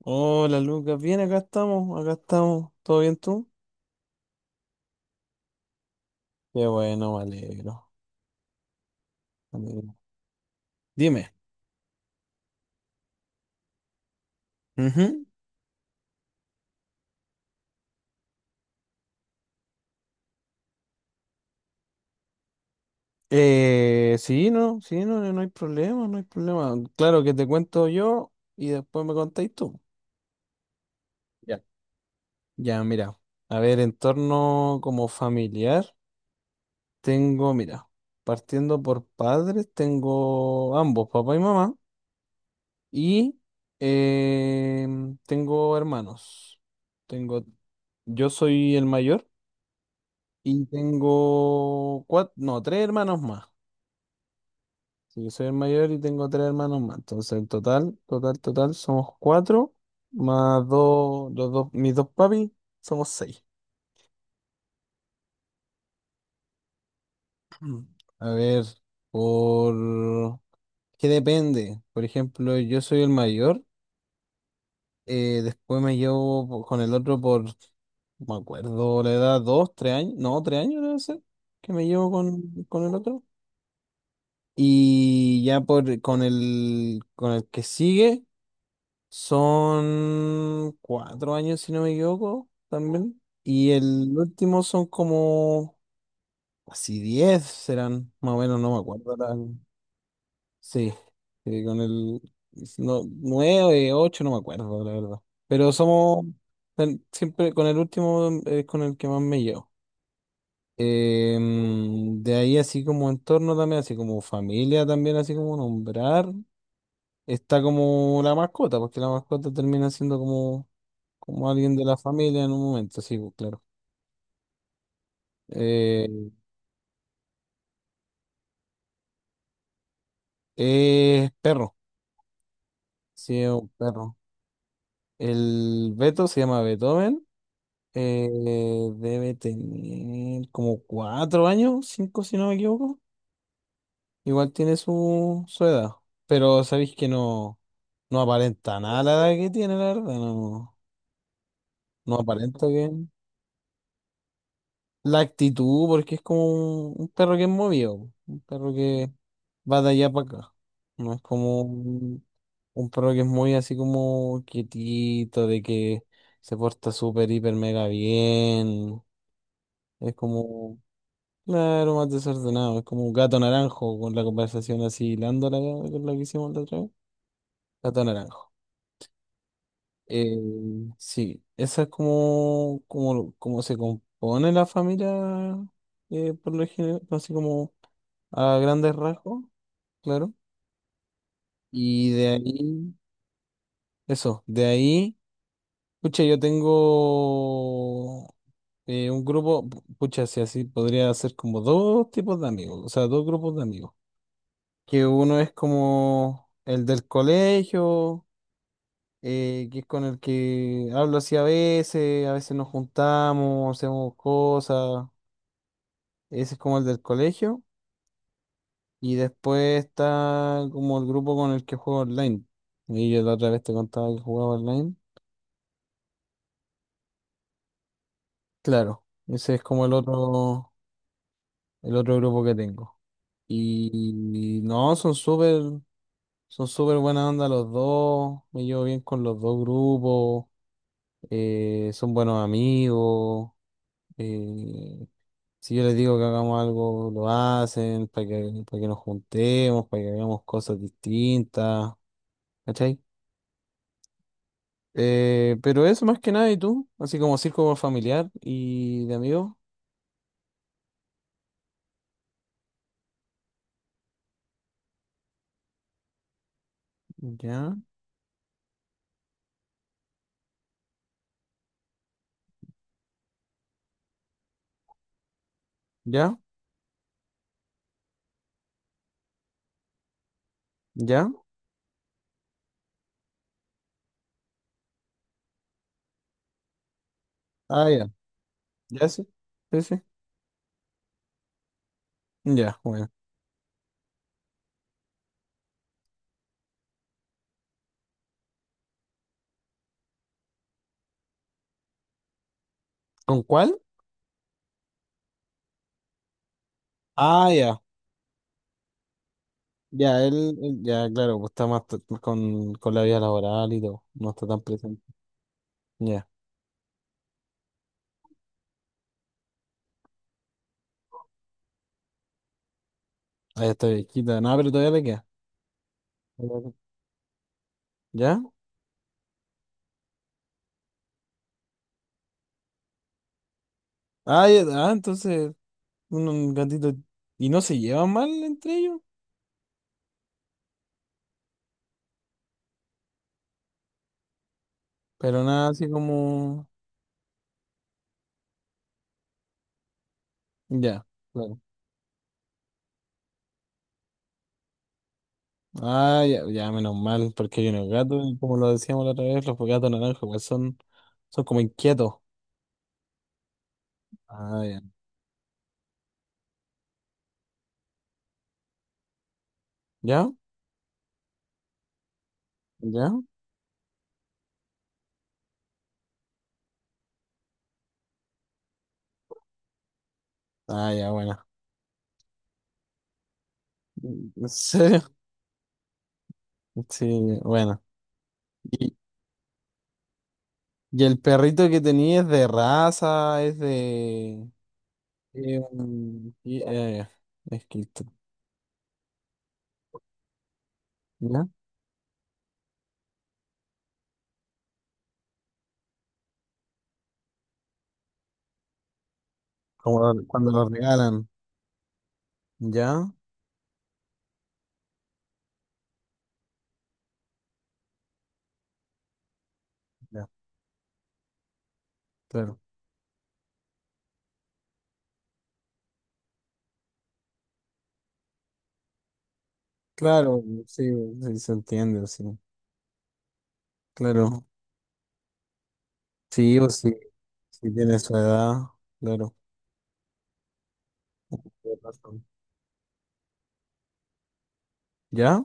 Hola Lucas, bien, acá estamos, acá estamos. ¿Todo bien tú? Qué bueno, me alegro. Me alegro. Dime. Ujú. Sí, no, sí, no, no hay problema, no hay problema. Claro que te cuento yo y después me contáis tú. Ya. Ya, mira. A ver, entorno como familiar, tengo, mira, partiendo por padres, tengo ambos, papá y mamá, y tengo hermanos. Tengo, yo soy el mayor. Y tengo cuatro, no, tres hermanos más. Sí, yo soy el mayor y tengo tres hermanos más. Entonces, en total, total, total, somos cuatro, más dos, los dos, mis dos papis, somos seis. Mm. A ver, por... ¿Qué depende? Por ejemplo, yo soy el mayor, después con el otro por, no me acuerdo, la edad, dos, tres años, no, tres años debe ser, que me llevo con el otro. Y ya por con el que sigue son cuatro años, si no me equivoco, también. Y el último son como así diez serán, más o menos, no me acuerdo. La- Sí, sí, con el no, nueve, ocho, no me acuerdo, la verdad. Pero somos ten- siempre con el último es con el que más me llevo. De ahí así como entorno también, así como familia también, así como nombrar. Está como la mascota, porque la mascota termina siendo como, como alguien de la familia en un momento, sí, pues, claro. Eh, es perro, sí, es un perro. El Beto se llama Beethoven, eh, debe tener como cuatro años, cinco si no me equivoco. Igual tiene su, su edad, pero sabéis que no, no aparenta nada la edad que tiene, la verdad, no, no aparenta que... La actitud, porque es como un perro que es movido, po, un perro que va de allá para acá. No es como un perro que es muy así como quietito, de que se porta súper, hiper, mega bien. Es como, claro, más desordenado. Es como un gato naranjo con la conversación así lándola con la que hicimos la otra vez. Gato naranjo. Eh, sí, esa es como, como, como se compone la familia, por lo general, así como. A grandes rasgos, claro. Y de ahí, eso, de ahí, pucha, yo tengo un grupo, pu- pucha, si así podría ser como dos tipos de amigos, o sea, dos grupos de amigos. Que uno es como el del colegio, que es con el que hablo así a veces nos juntamos, hacemos cosas, ese es como el del colegio. Y después está como el grupo con el que juego online. Y yo la otra vez te contaba que jugaba online. Claro, ese es como el otro grupo que tengo. Y no, son súper buena onda los dos. Me llevo bien con los dos grupos. Son buenos amigos. eh, si yo les digo que hagamos algo, lo hacen para que nos juntemos, para que hagamos cosas distintas. ¿Cachai? Pero eso más que nada, ¿y tú? Así como circo familiar y de amigos. Ya, ya, ya. Ah, ya. Ya, sí. Sí, sí. Ya, bueno. ¿Con cuál? Ah, ya. Ya, él- Ya, claro, pues está más t- con la vida laboral y todo. No está tan presente. Ya, ahí está viejita. Nada, pero todavía le queda. ¿Ya? Ah, ya, ah, entonces, un gatito. Y no se llevan mal entre ellos, pero nada así como. Ya. Claro. Ah, ya, ya, menos mal, porque hay unos gatos, y como lo decíamos la otra vez, los gatos naranjas igual son, son como inquietos. Ah, ya. ¿Ya? ¿Ya? Ah, ya, bueno. ¿En serio? Sí, bueno. ¿Y, y el perrito que tenía es de raza? ¿Es de...? Un- y- es que esto- ¿Ya? Como lo- cuando lo regalan. ¿Ya? Ya, claro. Claro, sí, sí se entiende, sí. Claro. Sí o sí. Si tiene su edad, claro. Razón. ¿Ya?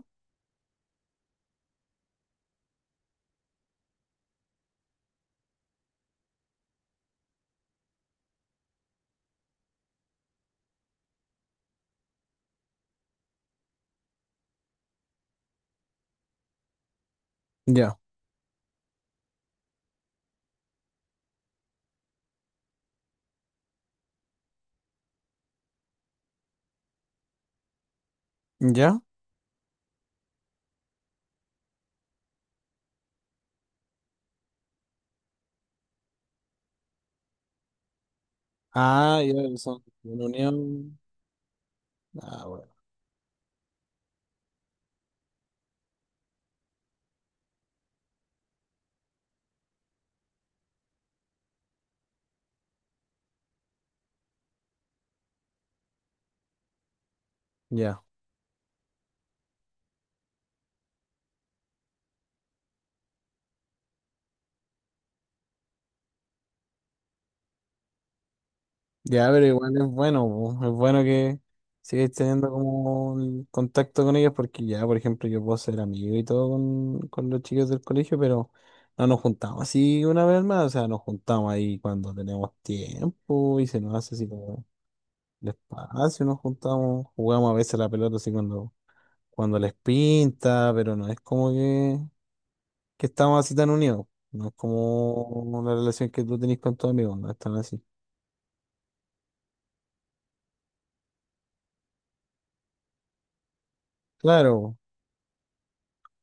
Ya. ¿Ya? Ah, ya son una unión. Ah, bueno. Ya. Ya, pero igual es bueno, po. Es bueno que sigáis teniendo como el contacto con ellos porque ya, por ejemplo, yo puedo ser amigo y todo con los chicos del colegio, pero no nos juntamos así una vez más, o sea, nos juntamos ahí cuando tenemos tiempo y se nos hace así como el espacio, nos juntamos, jugamos a veces a la pelota así cuando, cuando les pinta, pero no es como que estamos así tan unidos. No es como la relación que tú tenés con tus amigos, no es tan así. Claro.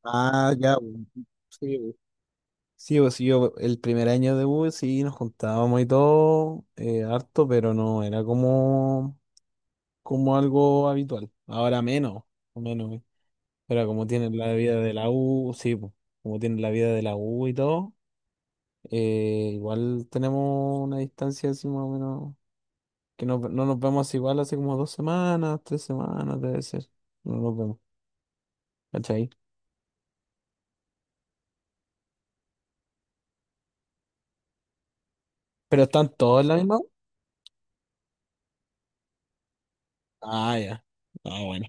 Ah, ya. Bu. Sí, bu. Sí, pues sí, yo el primer año de U E sí nos juntábamos y todo, harto, pero no era como, como algo habitual. Ahora menos, o menos. Pero como tienen la vida de la U, sí, pues, como tienen la vida de la U y todo, igual tenemos una distancia así más o menos que no, no nos vemos igual hace como dos semanas, tres semanas, debe ser. No nos vemos, ¿cachai? Pero están todos en la misma. Ah, ya. Ah, bueno.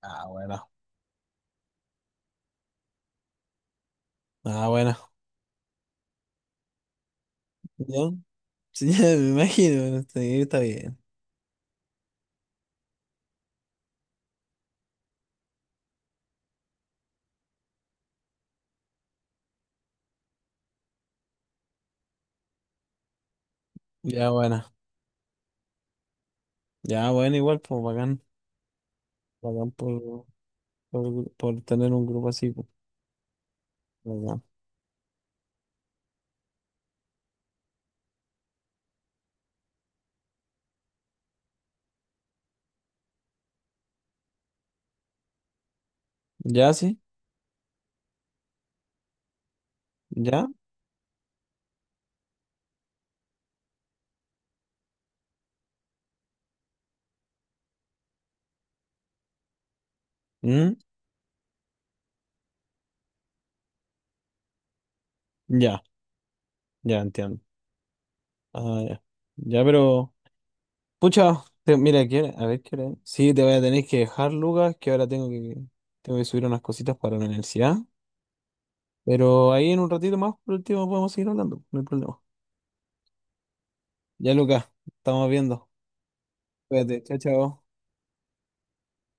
Ah, bueno. Ah, bueno. Ya. Sí, ya me imagino. Sí, está bien. Ya, bueno. Ya, bueno, igual, pues bacán. Bacán por tener un grupo así. Pues, bacán. Ya, sí. Ya. Mm. Ya. Ya, entiendo. Ah, ya. Ya, pero. Pucha, te- mira, ¿qué hora- a ver qué hora es? Sí, te voy a tener que dejar, Lucas, que ahora tengo que subir unas cositas para la universidad. Pero ahí en un ratito más, por último, podemos seguir hablando, no hay problema. Ya, Lucas, estamos viendo. Cuídate, chao, chao.